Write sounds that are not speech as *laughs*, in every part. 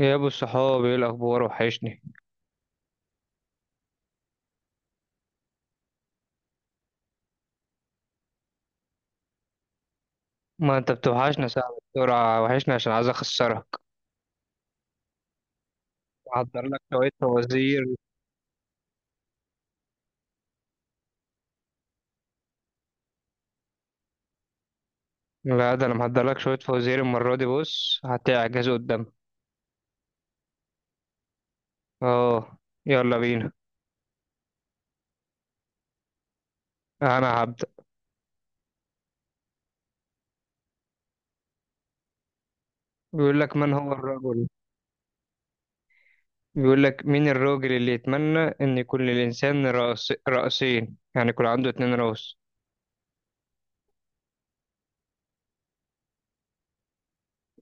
يا ابو الصحاب، ايه الاخبار؟ وحشني. ما انت بتوحشنا، ساعة بسرعة وحشني عشان عايز اخسرك. محضر لك شوية فوازير. لا، ده انا محضر لك شوية فوازير المرة دي، بص هتعجز قدامك. اه، يلا بينا، انا هبدأ. بيقول لك، من هو الرجل؟ بيقول لك، مين الراجل اللي يتمنى ان يكون للانسان رأس رأسين؟ يعني يكون عنده اتنين رأس.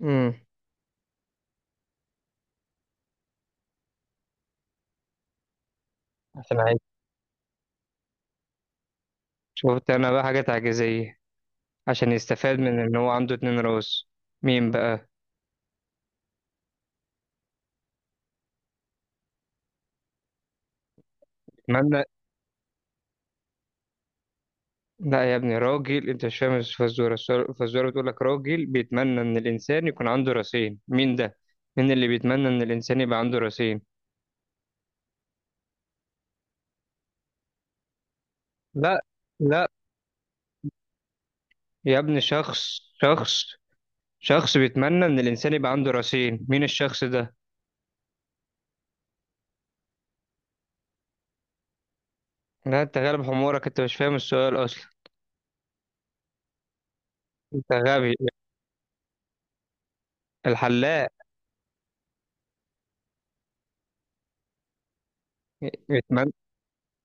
امم. عشان عايز. شفت انا بقى حاجة تعجيزية؟ عشان يستفاد من ان هو عنده اتنين رأس. مين بقى؟ اتمنى. لا يا ابني، راجل، انت مش فاهم الفزوره، الفزوره بتقول لك راجل بيتمنى ان الانسان يكون عنده راسين، مين ده؟ مين اللي بيتمنى ان الانسان يبقى عنده راسين؟ لا، لا يا ابني، شخص شخص. شخص بيتمنى ان الانسان يبقى عنده راسين، مين الشخص ده؟ لا، انت غالب حمورك، انت مش فاهم السؤال اصلا. انت غبي. الحلاق. بيتمنى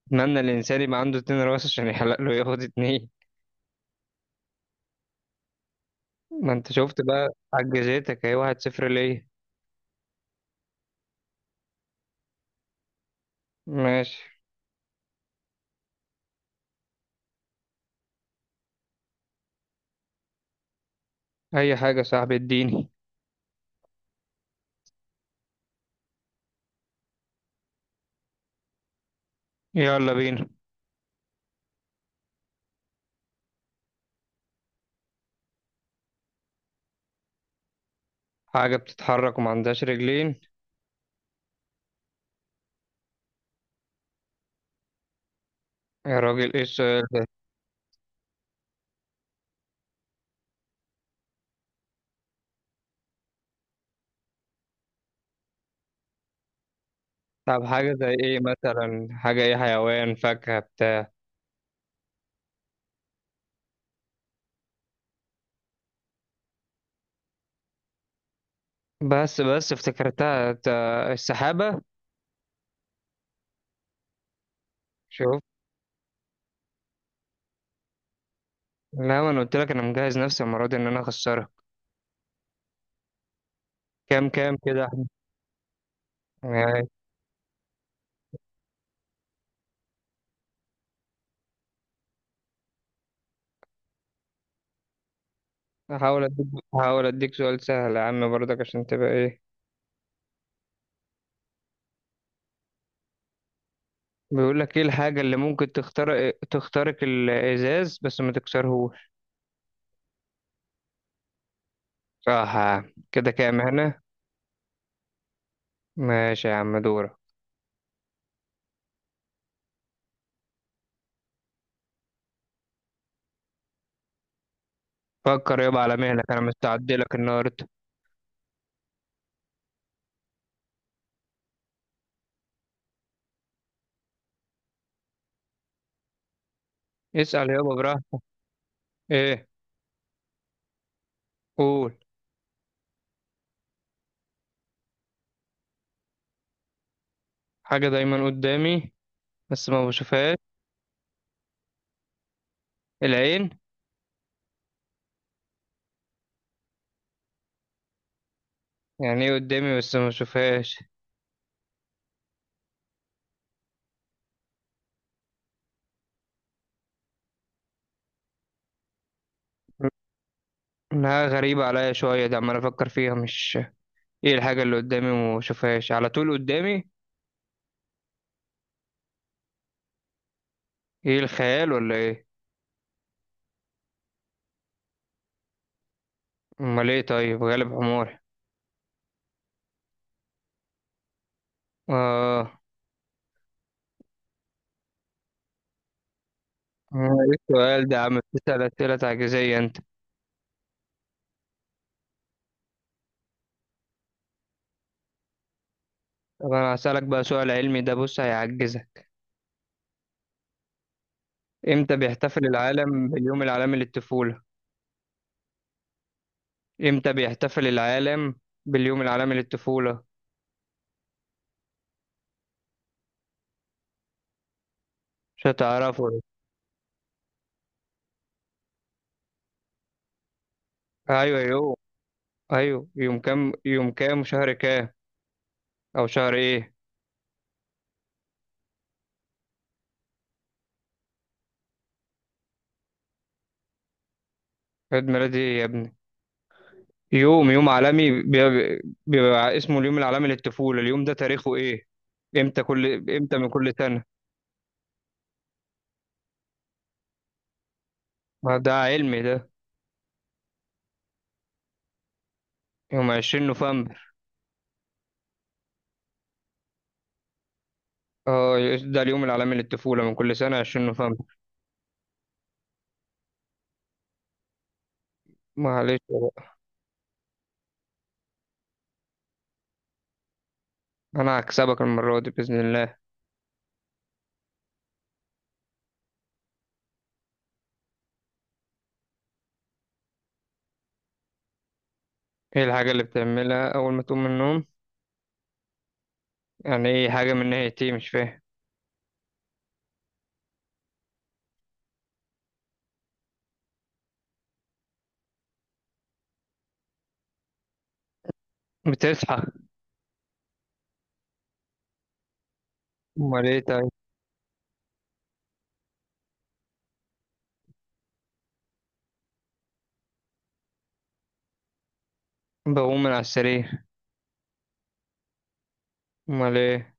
بيتمنى الانسان يبقى عنده اتنين راس عشان يحلق له ياخد اتنين. ما انت شفت بقى؟ عجزتك اهي، واحد صفر ليه. ماشي. اي حاجه يا صاحبي، اديني. يلا بينا. حاجة بتتحرك وما عندهاش رجلين؟ يا راجل، ايش؟ طب حاجة زي ايه مثلا، حاجة ايه، حيوان، فاكهة، بتاع؟ بس بس افتكرتها. السحابة. شوف. لا، ما انا قلت لك انا مجهز نفسي المرة دي ان انا اخسرها. كام كام كده احنا؟ يعني. هحاول اديك هحاول اديك سؤال سهل يا عم برضك عشان تبقى ايه. بيقول لك، ايه الحاجة اللي ممكن تخترق الازاز بس ما تكسرهوش؟ صح. كده كام هنا؟ ماشي يا عم، دورك. فكر يابا على مهلك، انا مستعد لك النهارده. اسأل يابا براحتك. ايه؟ قول. حاجة دايما قدامي بس ما بشوفهاش. العين. يعني ايه قدامي بس ما بشوفهاش؟ انها غريبة عليا شوية، ده عمال افكر فيها مش. ايه الحاجة اللي قدامي وما بشوفهاش على طول قدامي؟ ايه، الخيال ولا ايه؟ امال ايه طيب، غالب حماري. اه. ايه السؤال ده يا عم، بتسأل اسئلة تعجيزية انت. طب انا هسألك بقى سؤال علمي، ده بص هيعجزك. امتى بيحتفل العالم باليوم العالمي للطفولة؟ امتى بيحتفل العالم باليوم العالمي للطفولة؟ مش هتعرفه. ايوه، يوم. ايوه، يوم كام، يوم كام، شهر كام؟ او شهر ايه؟ عيد ميلادي إيه يا ابني؟ يوم عالمي بيبقى, اسمه اليوم العالمي للطفولة، اليوم ده تاريخه ايه؟ امتى، كل امتى من كل سنة؟ ما ده علمي ده. يوم 20 نوفمبر. اه، ده اليوم العالمي للطفولة من كل سنة 20 نوفمبر. معلش بقى. انا هكسبك المرة دي بإذن الله. ايه الحاجة اللي بتعملها اول ما تقوم من النوم؟ يعني ايه، حاجة من ناحية ايه، مش فاهم. بتصحى. امال ايه طيب؟ بقوم من على السرير. امال ايه؟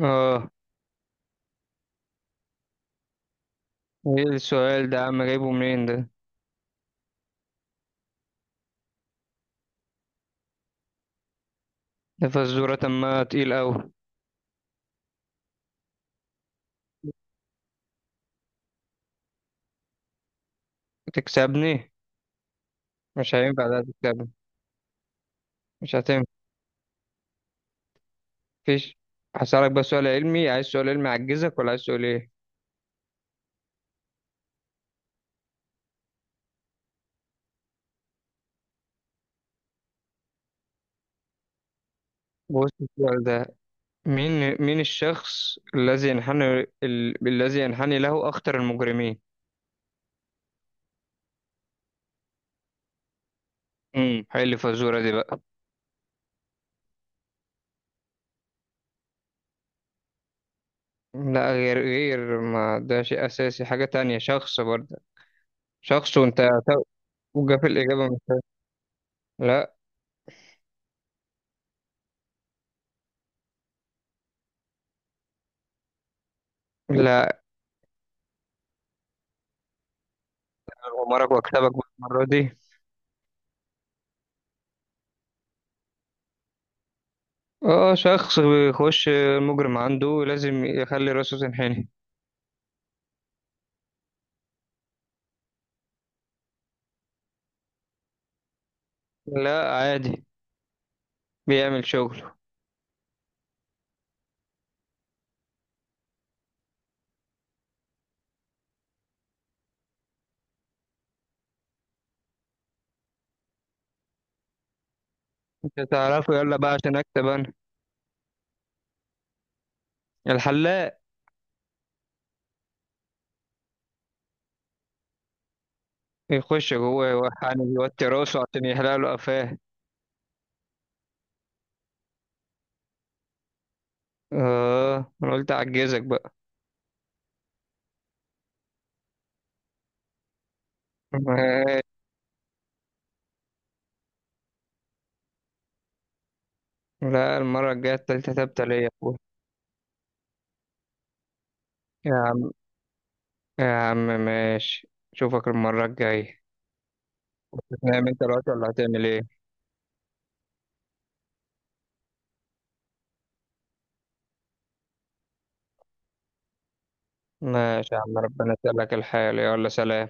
اه. ايه السؤال ده يا عم، جايبه منين ده؟ ده فزورة ما، تقيل اوي. تكسبني؟ مش هينفع ده تكسبني. مش هتنفع. مفيش. هسألك بس سؤال علمي، عايز سؤال علمي يعجزك ولا عايز سؤال ايه؟ بص السؤال ده. مين الشخص الذي ينحني، الذي ينحني له اخطر المجرمين. حل الفزورة دي بقى. لا، غير ما ده شيء أساسي، حاجة تانية، شخص برضه. شخص وأنت. توجه في الإجابة، مش. لا، لا. غمرك وأكسبك بقى المرة دي. اه، شخص بيخش المجرم عنده لازم يخلي راسه تنحني. لا، عادي. بيعمل شغله. انت تعرفه، يلا بقى عشان اكتب انا. الحلاق. يخش جوه يوحني، يوطي راسه عشان يحلق له قفاه. اه، انا قلت اعجزك بقى. *laughs* لا، المرة الجاية التالتة تابتة ليا يا أخويا. يا يا عم ماشي، اشوفك المرة الجاية. هتنام انت دلوقتي ولا هتعمل ايه؟ ماشي يا عم، ربنا يسهلك الحال، يلا سلام.